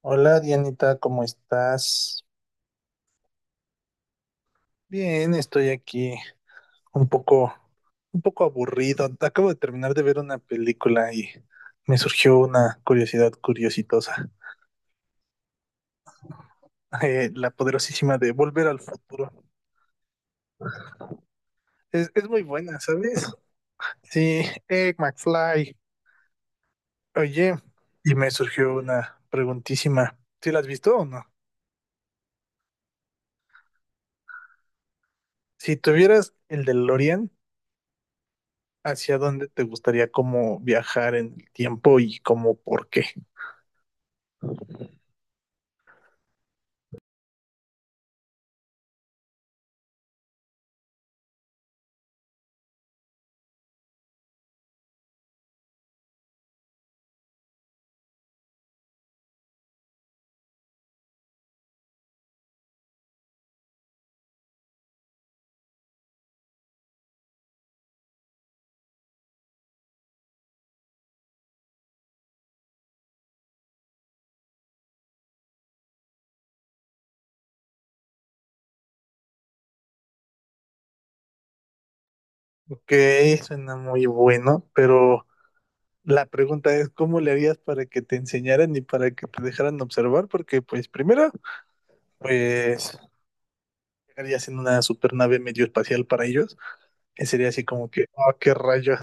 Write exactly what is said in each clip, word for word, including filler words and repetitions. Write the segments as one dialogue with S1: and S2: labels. S1: Hola Dianita, ¿cómo estás? Bien, estoy aquí un poco, un poco aburrido. Acabo de terminar de ver una película y me surgió una curiosidad curiositosa. Eh, la poderosísima de Volver al Futuro. Es, es muy buena, ¿sabes? Sí, eh, McFly. Oye, y me surgió una preguntísima. ¿Sí la has visto o no? Si tuvieras el DeLorean, ¿hacia dónde te gustaría como viajar en el tiempo y como por qué? Ok, suena muy bueno, pero la pregunta es, ¿cómo le harías para que te enseñaran y para que te dejaran observar? Porque, pues, primero, pues, llegarías en una supernave medio espacial para ellos, que sería así como que, oh, qué rayos,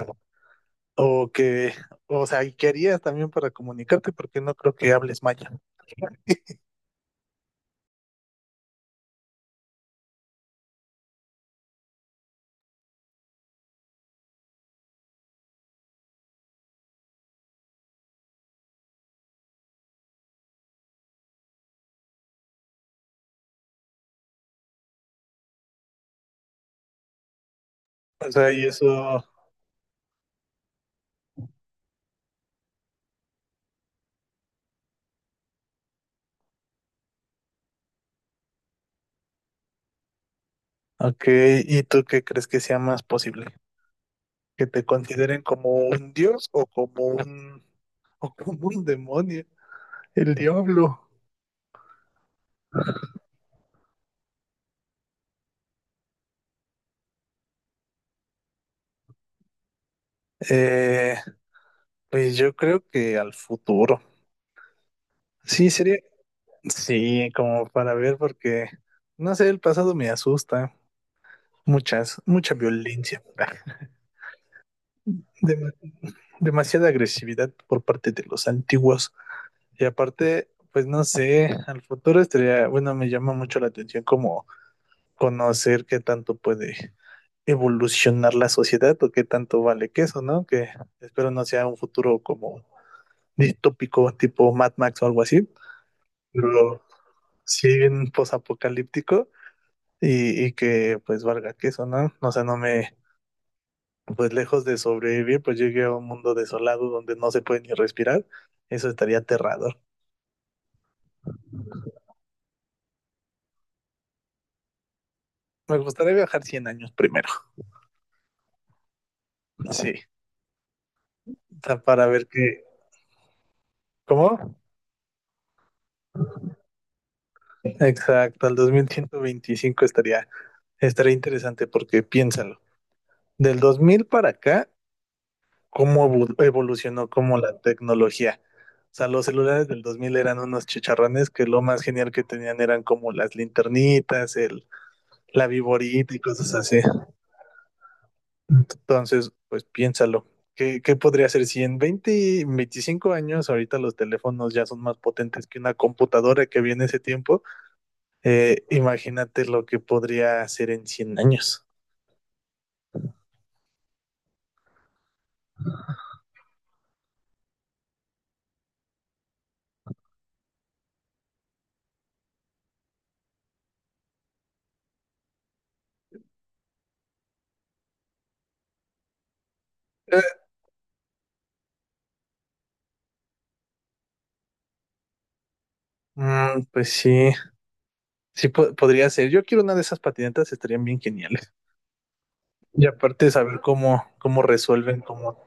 S1: o que, o sea, ¿y qué harías también para comunicarte? Porque no creo que hables maya. O sea, y eso, ok, ¿y tú qué crees que sea más posible? ¿Que te consideren como un dios o como un, o como un demonio, el diablo? Eh, pues yo creo que al futuro. Sí, sería, sí, como para ver, porque, no sé, el pasado me asusta. Muchas, mucha violencia. Dem- demasiada agresividad por parte de los antiguos. Y aparte, pues no sé, al futuro estaría, bueno, me llama mucho la atención como conocer qué tanto puede evolucionar la sociedad o qué tanto vale que eso, ¿no? Que espero no sea un futuro como distópico, tipo Mad Max o algo así. Sí, bien posapocalíptico y, y que pues valga queso, ¿no? O sea, no me, pues lejos de sobrevivir, pues llegué a un mundo desolado donde no se puede ni respirar. Eso estaría aterrador. Me gustaría viajar cien años primero. Sí, o sea, para ver qué, ¿cómo? Exacto, al dos mil ciento veinticinco estaría, estaría interesante porque piénsalo. Del dos mil para acá cómo evo- evolucionó como la tecnología. O sea, los celulares del dos mil eran unos chicharrones que lo más genial que tenían eran como las linternitas, el, la viborita y cosas así. Entonces, pues piénsalo. ¿Qué, qué podría ser si en veinte, veinticinco años ahorita los teléfonos ya son más potentes que una computadora que viene ese tiempo? Eh, imagínate lo que podría ser en cien años. Eh, mm, pues sí, sí po- podría ser. Yo quiero una de esas patinetas, estarían bien geniales. Y aparte saber cómo, cómo resuelven, cómo...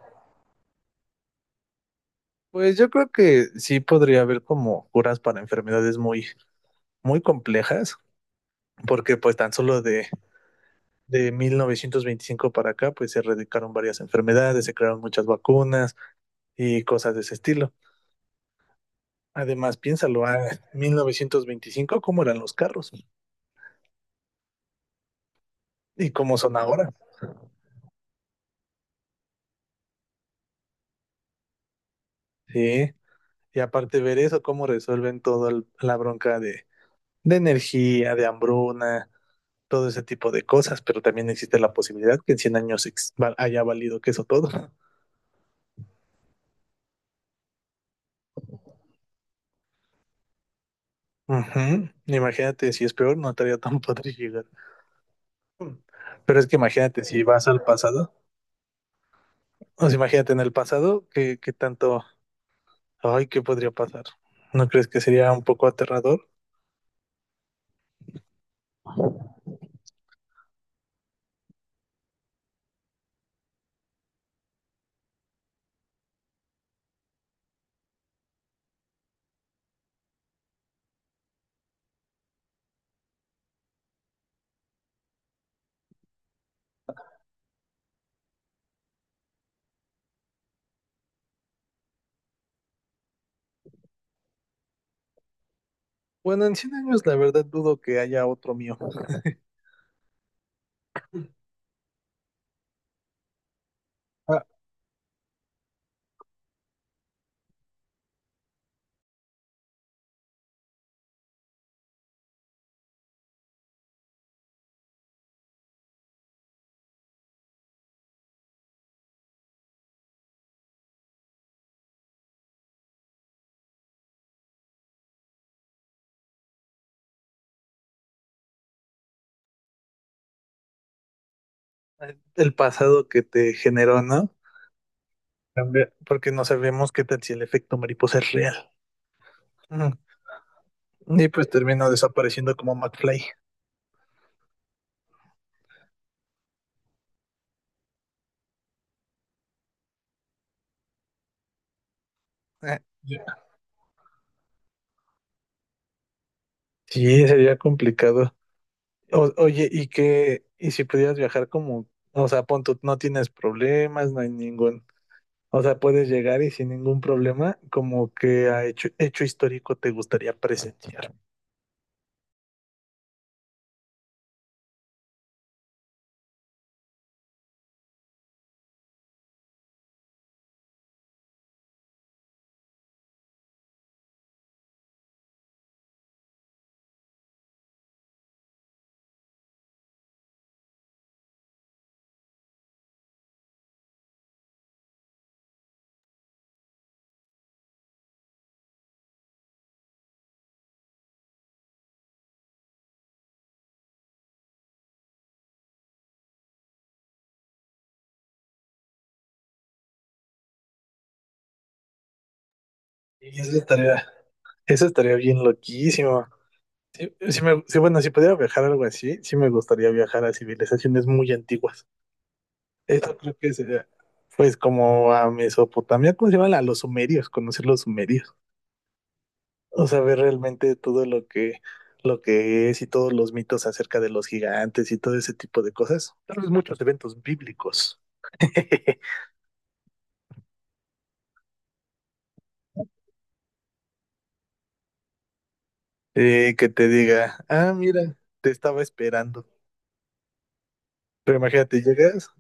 S1: Pues yo creo que sí podría haber como curas para enfermedades muy, muy complejas, porque pues tan solo de, de, mil novecientos veinticinco para acá, pues se erradicaron varias enfermedades, se crearon muchas vacunas y cosas de ese estilo. Además, piénsalo, a mil novecientos veinticinco, ¿cómo eran los carros? ¿Y cómo son ahora? Sí. Y aparte ver eso, cómo resuelven toda la bronca de, de energía, de hambruna, todo ese tipo de cosas, pero también existe la posibilidad que en cien años ex- va- haya valido que eso todo. Uh -huh. Imagínate, si es peor, no estaría tan padre llegar. Pero es que imagínate, si vas al pasado, o sea, imagínate en el pasado, ¿qué, qué tanto, ay, qué podría pasar? ¿No crees que sería un poco aterrador? Bueno, en cien años la verdad dudo que haya otro mío. Ah, el pasado que te generó, ¿no? También. Porque no sabemos qué tal si el efecto mariposa es real. Uh -huh. Y pues termino desapareciendo como McFly. Ya. Sí, sería complicado. O- oye, ¿y qué? ¿Y si pudieras viajar como, o sea, pon tú, no tienes problemas, no hay ningún, o sea, puedes llegar y sin ningún problema, como que a hecho, hecho histórico te gustaría presenciar? Y eso estaría, eso estaría bien loquísimo. Sí, sí me, sí, bueno, si pudiera viajar a algo así, sí me gustaría viajar a civilizaciones muy antiguas. Esto creo que sería, pues, como a Mesopotamia, ¿cómo se llama? A los sumerios, conocer los sumerios. O sea, ver realmente todo lo que, lo que es y todos los mitos acerca de los gigantes y todo ese tipo de cosas. Tal vez muchos eventos bíblicos. Eh, que te diga, ah, mira, te estaba esperando. Pero imagínate, llegas,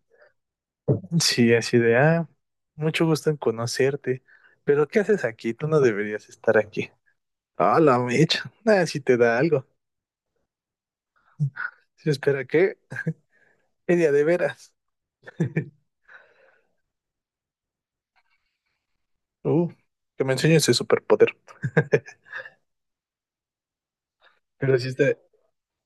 S1: sí, así de, ah, mucho gusto en conocerte. Pero ¿qué haces aquí? Tú no deberías estar aquí. Ah, la mecha. Ah, si te da algo. Si espera, ¿qué? Media de veras. Uh, que me enseñes ese superpoder. Pero sí está,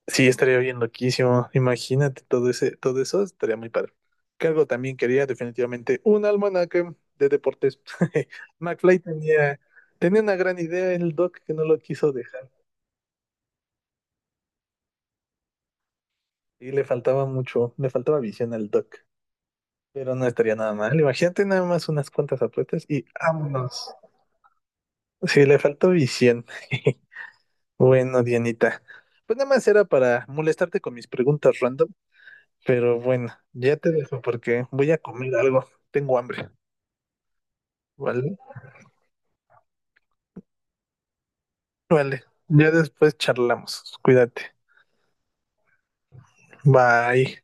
S1: sí, estaría bien loquísimo. Imagínate todo ese, todo eso, estaría muy padre. Cargo también quería definitivamente un almanaque de deportes. McFly tenía, tenía una gran idea el Doc que no lo quiso dejar. Y le faltaba mucho, le faltaba visión al Doc. Pero no estaría nada mal. Imagínate nada más unas cuantas apuestas y vámonos. Sí, le faltó visión. Bueno, Dianita. Pues nada más era para molestarte con mis preguntas random. Pero bueno, ya te dejo porque voy a comer algo. Tengo hambre. Vale, vale. Ya después charlamos. Cuídate. Bye.